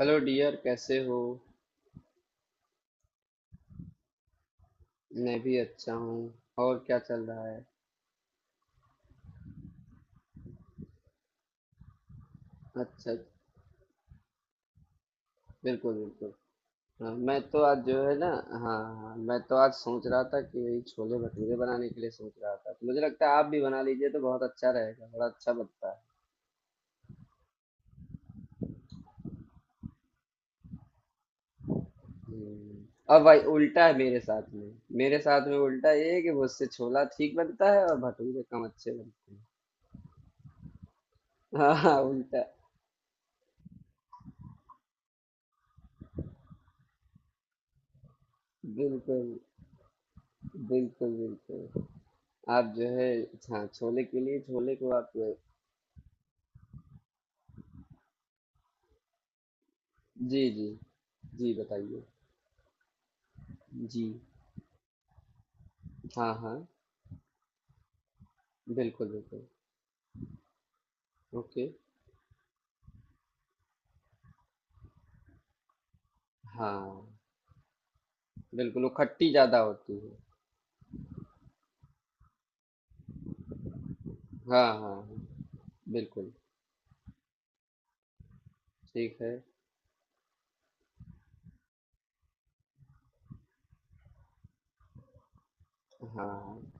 Hello dear, कैसे हो? मैं भी अच्छा हूँ। और क्या चल रहा है? अच्छा। बिल्कुल बिल्कुल। हाँ, मैं तो आज जो है ना। हाँ हाँ, मैं तो आज सोच रहा था कि वही छोले भटूरे बनाने के लिए सोच रहा था, तो मुझे लगता है आप भी बना लीजिए तो बहुत अच्छा रहेगा, बड़ा अच्छा बनता है। हम्म। अब भाई, उल्टा है मेरे साथ में। मेरे साथ में उल्टा ये है कि मुझसे छोला ठीक बनता है और भटूरे कम अच्छे बनते हैं। हाँ हाँ, उल्टा। बिल्कुल। बिल्कुल बिल्कुल। आप जो है। हाँ, छोले के लिए छोले को आप। जी, जी। जी, बताइए। जी। हाँ, हाँ। बिल्कुल, बिल्कुल। ओके। हाँ। बिल्कुल वो खट्टी ज़्यादा होती है। हाँ, हाँ, हाँ। बिल्कुल, ठीक है। हाँ। हाँ,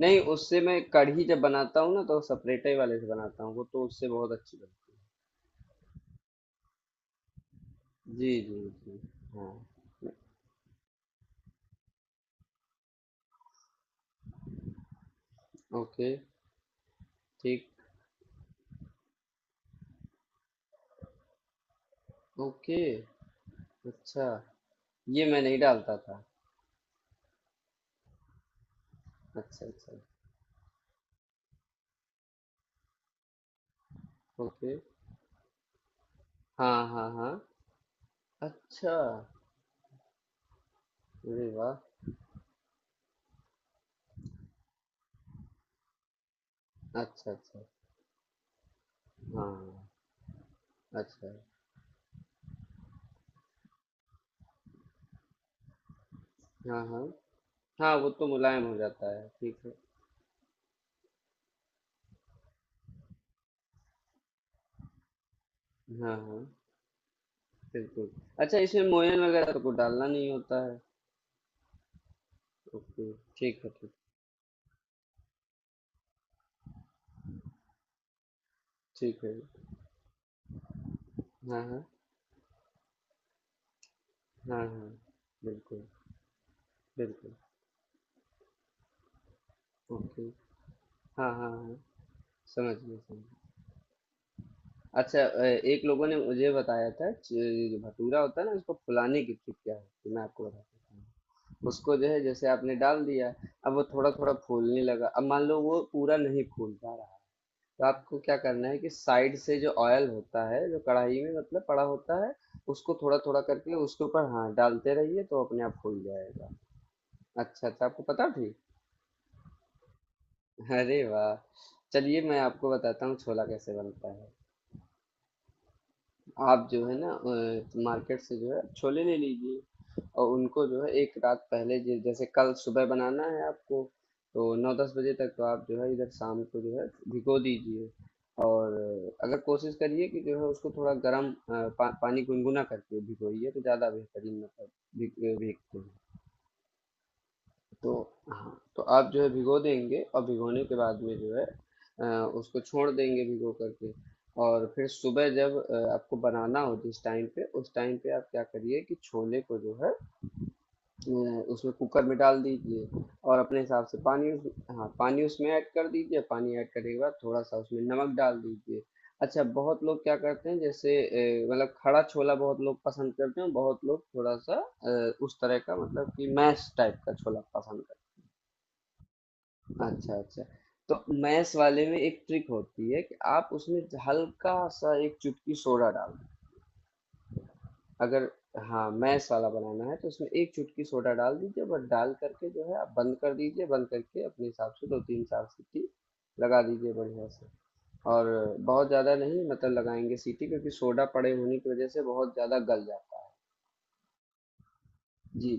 नहीं उससे मैं कढ़ी जब बनाता हूँ ना तो सपरेटे वाले से बनाता हूँ, वो तो उससे बहुत अच्छी बनती है। जी, जी, जी। हाँ। ओके, ठीक। ओके, अच्छा। ये मैं नहीं डालता था। अच्छा, अच्छा। ओके। हाँ, हाँ, हाँ। अच्छा। अरे वाह! अच्छा, अच्छा। हाँ। अच्छा। हाँ, हाँ। हाँ, वो तो मुलायम हो जाता है, ठीक है। हाँ, हाँ, बिल्कुल। अच्छा, इसमें मोयन वगैरह तो कुछ डालना नहीं होता है? ओके, ठीक है, ठीक ठीक है। हाँ, हाँ। हाँ, हाँ। बिल्कुल, बिल्कुल। ओके। हाँ, हाँ, हाँ। समझ गया, समझ गया। अच्छा, एक लोगों ने मुझे बताया था च जो भटूरा होता है ना, उसको फुलाने की ट्रिक क्या होती है? तो मैं आपको बताता हूँ। उसको जो है जैसे आपने डाल दिया, अब वो थोड़ा-थोड़ा फूलने लगा। अब मान लो वो पूरा नहीं फूल पा रहा। तो आपको क्या करना है कि साइड से जो ऑयल होता है जो कढ़ाई में मतलब पड़ा होता है, उसको थोड़ा थोड़ा करके उसके ऊपर, हाँ, डालते रहिए तो अपने आप खुल जाएगा। अच्छा अच्छा, आपको पता थी। अरे वाह! चलिए, मैं आपको बताता हूँ छोला कैसे बनता है। आप जो है ना, मार्केट से जो है छोले ले लीजिए। और उनको जो है एक रात पहले, जैसे कल सुबह बनाना है आपको। तो 9-10 बजे तक तो आप जो है इधर शाम को जो है भिगो दीजिए। और अगर कोशिश करिए कि जो है उसको थोड़ा गर्म पानी गुनगुना करके भिगोइए तो ज़्यादा बेहतरीन मतलब भीगते हैं। तो। हाँ, तो आप जो है भिगो देंगे और भिगोने के बाद में जो है, उसको छोड़ देंगे भिगो करके। और फिर सुबह जब आपको बनाना हो जिस टाइम पे उस टाइम पे आप क्या करिए कि छोले को जो है, अ, उसमें कुकर में डाल दीजिए। और अपने हिसाब से पानी उस। हाँ, पानी उसमें ऐड कर दीजिए। पानी ऐड करने के बाद थोड़ा सा उसमें नमक डाल दीजिए। अच्छा, बहुत लोग क्या करते हैं जैसे मतलब खड़ा छोला बहुत लोग पसंद करते हैं, बहुत लोग थोड़ा सा उस तरह का मतलब कि मैश टाइप का छोला पसंद। अच्छा अच्छा। तो मैथ्स वाले में एक ट्रिक होती है कि आप उसमें हल्का सा एक चुटकी सोडा डाल दें, अगर। हाँ, मैथ्स वाला बनाना है तो उसमें एक चुटकी सोडा डाल दीजिए, बस डाल करके जो है आप बंद कर दीजिए, बंद करके अपने हिसाब से दो तीन चार सीटी लगा दीजिए बढ़िया से। और बहुत ज़्यादा नहीं मतलब लगाएंगे सीटी, क्योंकि सोडा पड़े होने की वजह से बहुत ज़्यादा गल जाता है। जी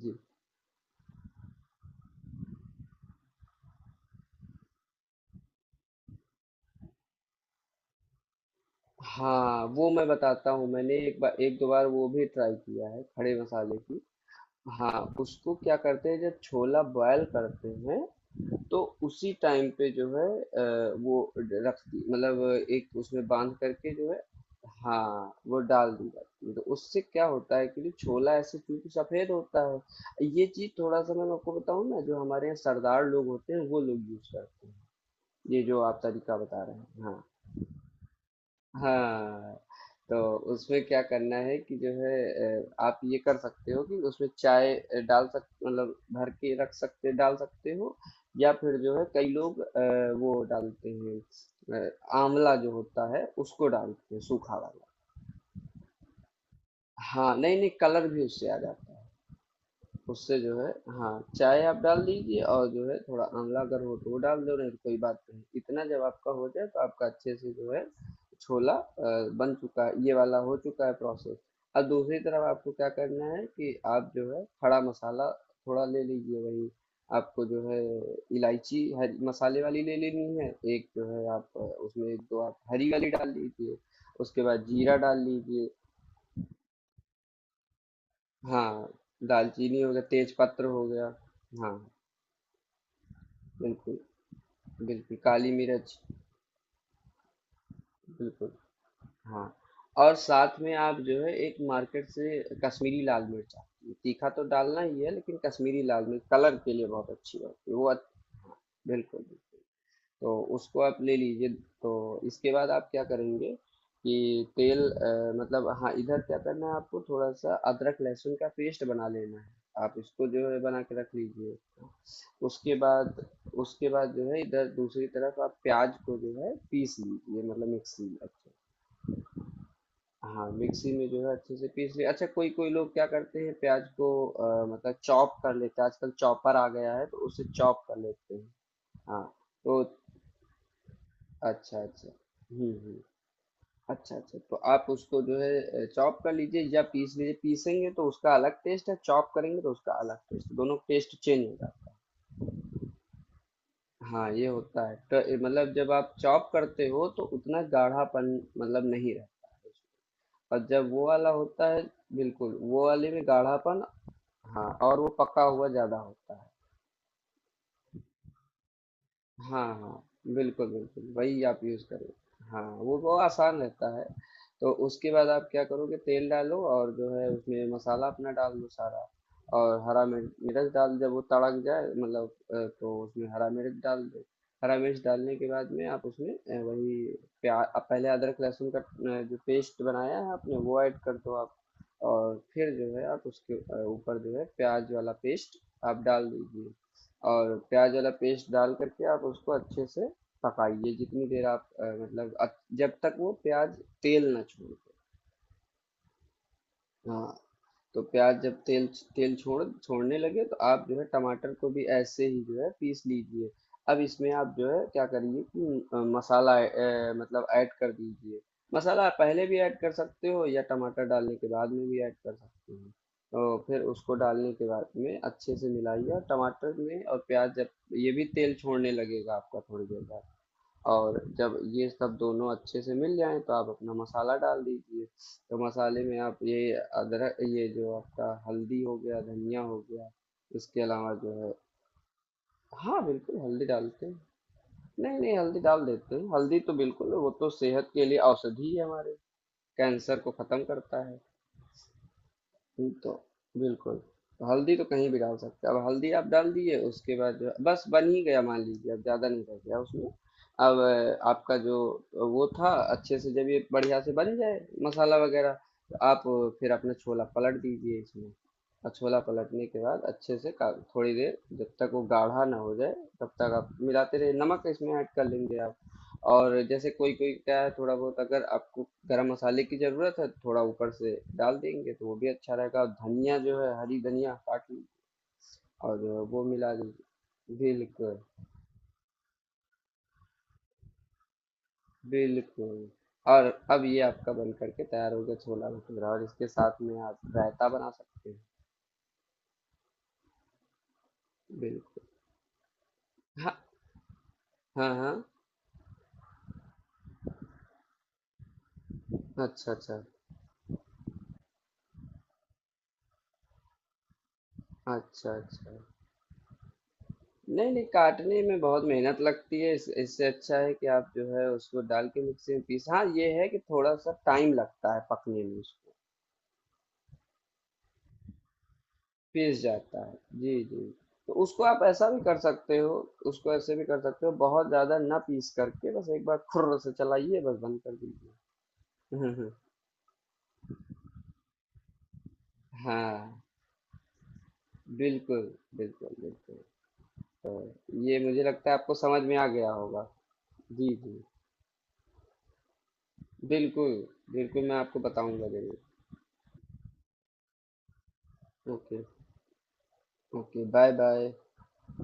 जी। हाँ, वो मैं बताता हूँ, मैंने एक बार, एक दो बार वो भी ट्राई किया है खड़े मसाले की। हाँ, उसको क्या करते हैं जब छोला बॉयल करते हैं तो उसी टाइम पे जो है, वो रख दी मतलब एक उसमें बांध करके जो है। हाँ, वो डाल दी जाती है तो उससे क्या होता है कि जो छोला ऐसे क्योंकि सफेद होता है। ये चीज थोड़ा सा मैं आपको बताऊँ ना, जो हमारे यहाँ सरदार लोग होते हैं वो लोग यूज करते हैं ये जो आप तरीका बता रहे हैं, हाँ। हाँ तो उसमें क्या करना है कि जो है, आप ये कर सकते हो कि उसमें चाय डाल सक मतलब भर के रख सकते डाल सकते हो। या फिर जो है कई लोग वो डालते हैं, अ, आंवला जो होता है उसको डालते हैं सूखा वाला। हाँ, नहीं नहीं, कलर भी उससे आ जाता है। उससे जो है। हाँ, चाय आप डाल दीजिए और जो है थोड़ा आंवला अगर हो तो वो डाल दो, नहीं तो कोई बात नहीं। इतना जब आपका हो जाए तो आपका अच्छे से जो है छोला बन चुका है, ये वाला हो चुका है प्रोसेस। अब दूसरी तरफ आपको क्या करना है कि आप जो है खड़ा मसाला थोड़ा ले लीजिए, वही आपको जो है इलायची हरी मसाले वाली ले लेनी है। एक जो है आप उसमें एक दो आप हरी वाली डाल लीजिए, उसके बाद जीरा डाल लीजिए। हाँ, दालचीनी हो गया, तेज पत्र हो गया। हाँ, बिल्कुल, बिल्कुल, काली मिर्च, बिल्कुल, हाँ। और साथ में आप जो है एक मार्केट से कश्मीरी लाल मिर्च आती है, तीखा तो डालना ही है लेकिन कश्मीरी लाल मिर्च कलर के लिए बहुत अच्छी होती है, वो बिल्कुल। तो उसको आप ले लीजिए। तो इसके बाद आप क्या करेंगे कि तेल मतलब, हाँ, इधर क्या करना है आपको थोड़ा सा अदरक लहसुन का पेस्ट बना लेना है, आप इसको जो है बना के रख लीजिए। उसके बाद। उसके बाद जो है इधर दूसरी तरफ आप प्याज को जो है पीस लीजिए मतलब मिक्सी में, अच्छा। हाँ, मिक्सी में जो है अच्छे से पीस लिया। अच्छा, कोई कोई लोग क्या करते हैं प्याज को मतलब चॉप कर लेते हैं, आजकल चॉपर आ गया है तो उसे चॉप कर लेते हैं। हाँ तो। अच्छा अच्छा। हम्म। अच्छा अच्छा, तो आप उसको जो है चॉप कर लीजिए या पीस लीजिए। पीसेंगे तो उसका अलग टेस्ट है, चॉप करेंगे तो उसका अलग टेस्ट, दोनों टेस्ट चेंज हो जाता है। हाँ, ये होता है, तो ये मतलब जब आप चॉप करते हो तो उतना गाढ़ापन मतलब नहीं रहता है उसमें। और जब वो वाला होता है। बिल्कुल, वो वाले में गाढ़ापन। हाँ, और वो पका हुआ ज्यादा होता है। हाँ हाँ, बिल्कुल बिल्कुल वही आप यूज़ करो। हाँ, वो आसान रहता है। तो उसके बाद आप क्या करोगे, तेल डालो और जो है उसमें मसाला अपना डाल दो सारा। और हरा मिर्च मिर्च डाल, जब वो तड़क जाए मतलब, तो उसमें हरा मिर्च डाल दो। हरा मिर्च डालने के बाद में आप उसमें वही प्याज पहले अदरक लहसुन का जो पेस्ट बनाया है आपने वो ऐड कर दो आप। और फिर जो है आप उसके ऊपर जो है प्याज वाला पेस्ट आप डाल दीजिए। और प्याज वाला पेस्ट डाल करके आप उसको अच्छे से पकाइए जितनी देर आप जब तक वो प्याज तेल ना छोड़ दे। हाँ। तो प्याज जब तेल तेल छोड़ने लगे तो आप जो है टमाटर को भी ऐसे ही जो है पीस लीजिए। अब इसमें आप जो है क्या करिए कि मसाला मतलब ऐड कर दीजिए। मसाला आप पहले भी ऐड कर सकते हो या टमाटर डालने के बाद में भी ऐड कर सकते हो। तो फिर उसको डालने के बाद में अच्छे से मिलाइए और टमाटर में और प्याज जब ये भी तेल छोड़ने लगेगा आपका थोड़ी देर बाद। और जब ये सब दोनों अच्छे से मिल जाएं तो आप अपना मसाला डाल दीजिए। तो मसाले में आप ये अदरक, ये जो आपका हल्दी हो गया, धनिया हो गया, इसके अलावा जो है। हाँ बिल्कुल, हल्दी डालते हैं। नहीं नहीं, हल्दी डाल देते हैं। हल्दी तो बिल्कुल, वो तो सेहत के लिए औषधि है हमारे। कैंसर को खत्म करता है। ठीक तो। बिल्कुल। हल्दी तो कहीं भी डाल सकते हैं। अब हल्दी आप डाल दिए, उसके बाद जो बस बन ही गया मान लीजिए, अब ज़्यादा नहीं रह गया उसमें। अब आपका जो वो था। अच्छे से जब ये बढ़िया से बन जाए, मसाला वगैरह, तो आप फिर अपना छोला पलट दीजिए इसमें। और छोला पलटने के बाद अच्छे से, थोड़ी देर जब तक वो गाढ़ा ना हो जाए, तब तक आप मिलाते रहिए। नमक इसमें ऐड कर लेंगे आप। और जैसे कोई कोई क्या है, थोड़ा बहुत अगर आपको गरम मसाले की ज़रूरत है तो थोड़ा ऊपर से डाल देंगे तो वो भी अच्छा रहेगा। और धनिया जो है, हरी धनिया काट ली और वो मिला दीजिए, बिल्कुल। बिल्कुल। और अब ये आपका बन करके तैयार हो गया छोला भटूरा, और इसके साथ में आप रायता बना सकते हैं। बिल्कुल। हाँ हाँ हाँ। अच्छा अच्छा अच्छा अच्छा। नहीं नहीं, काटने में बहुत मेहनत लगती है, इससे अच्छा है कि आप जो है उसको डाल के मिक्सी में पीस। हाँ, ये है कि थोड़ा सा टाइम लगता है पकने में उसको। पीस जाता है। जी जी। तो उसको आप ऐसा भी कर सकते हो। उसको ऐसे भी कर सकते हो, बहुत ज़्यादा ना पीस करके, बस एक बार खुर्र से चलाइए, बस बंद कर दीजिए। हाँ। बिल्कुल बिल्कुल बिल्कुल। ये मुझे लगता है आपको समझ में आ गया होगा। जी जी। बिल्कुल बिल्कुल, मैं आपको बताऊंगा जरूर। ओके। Okay, bye bye.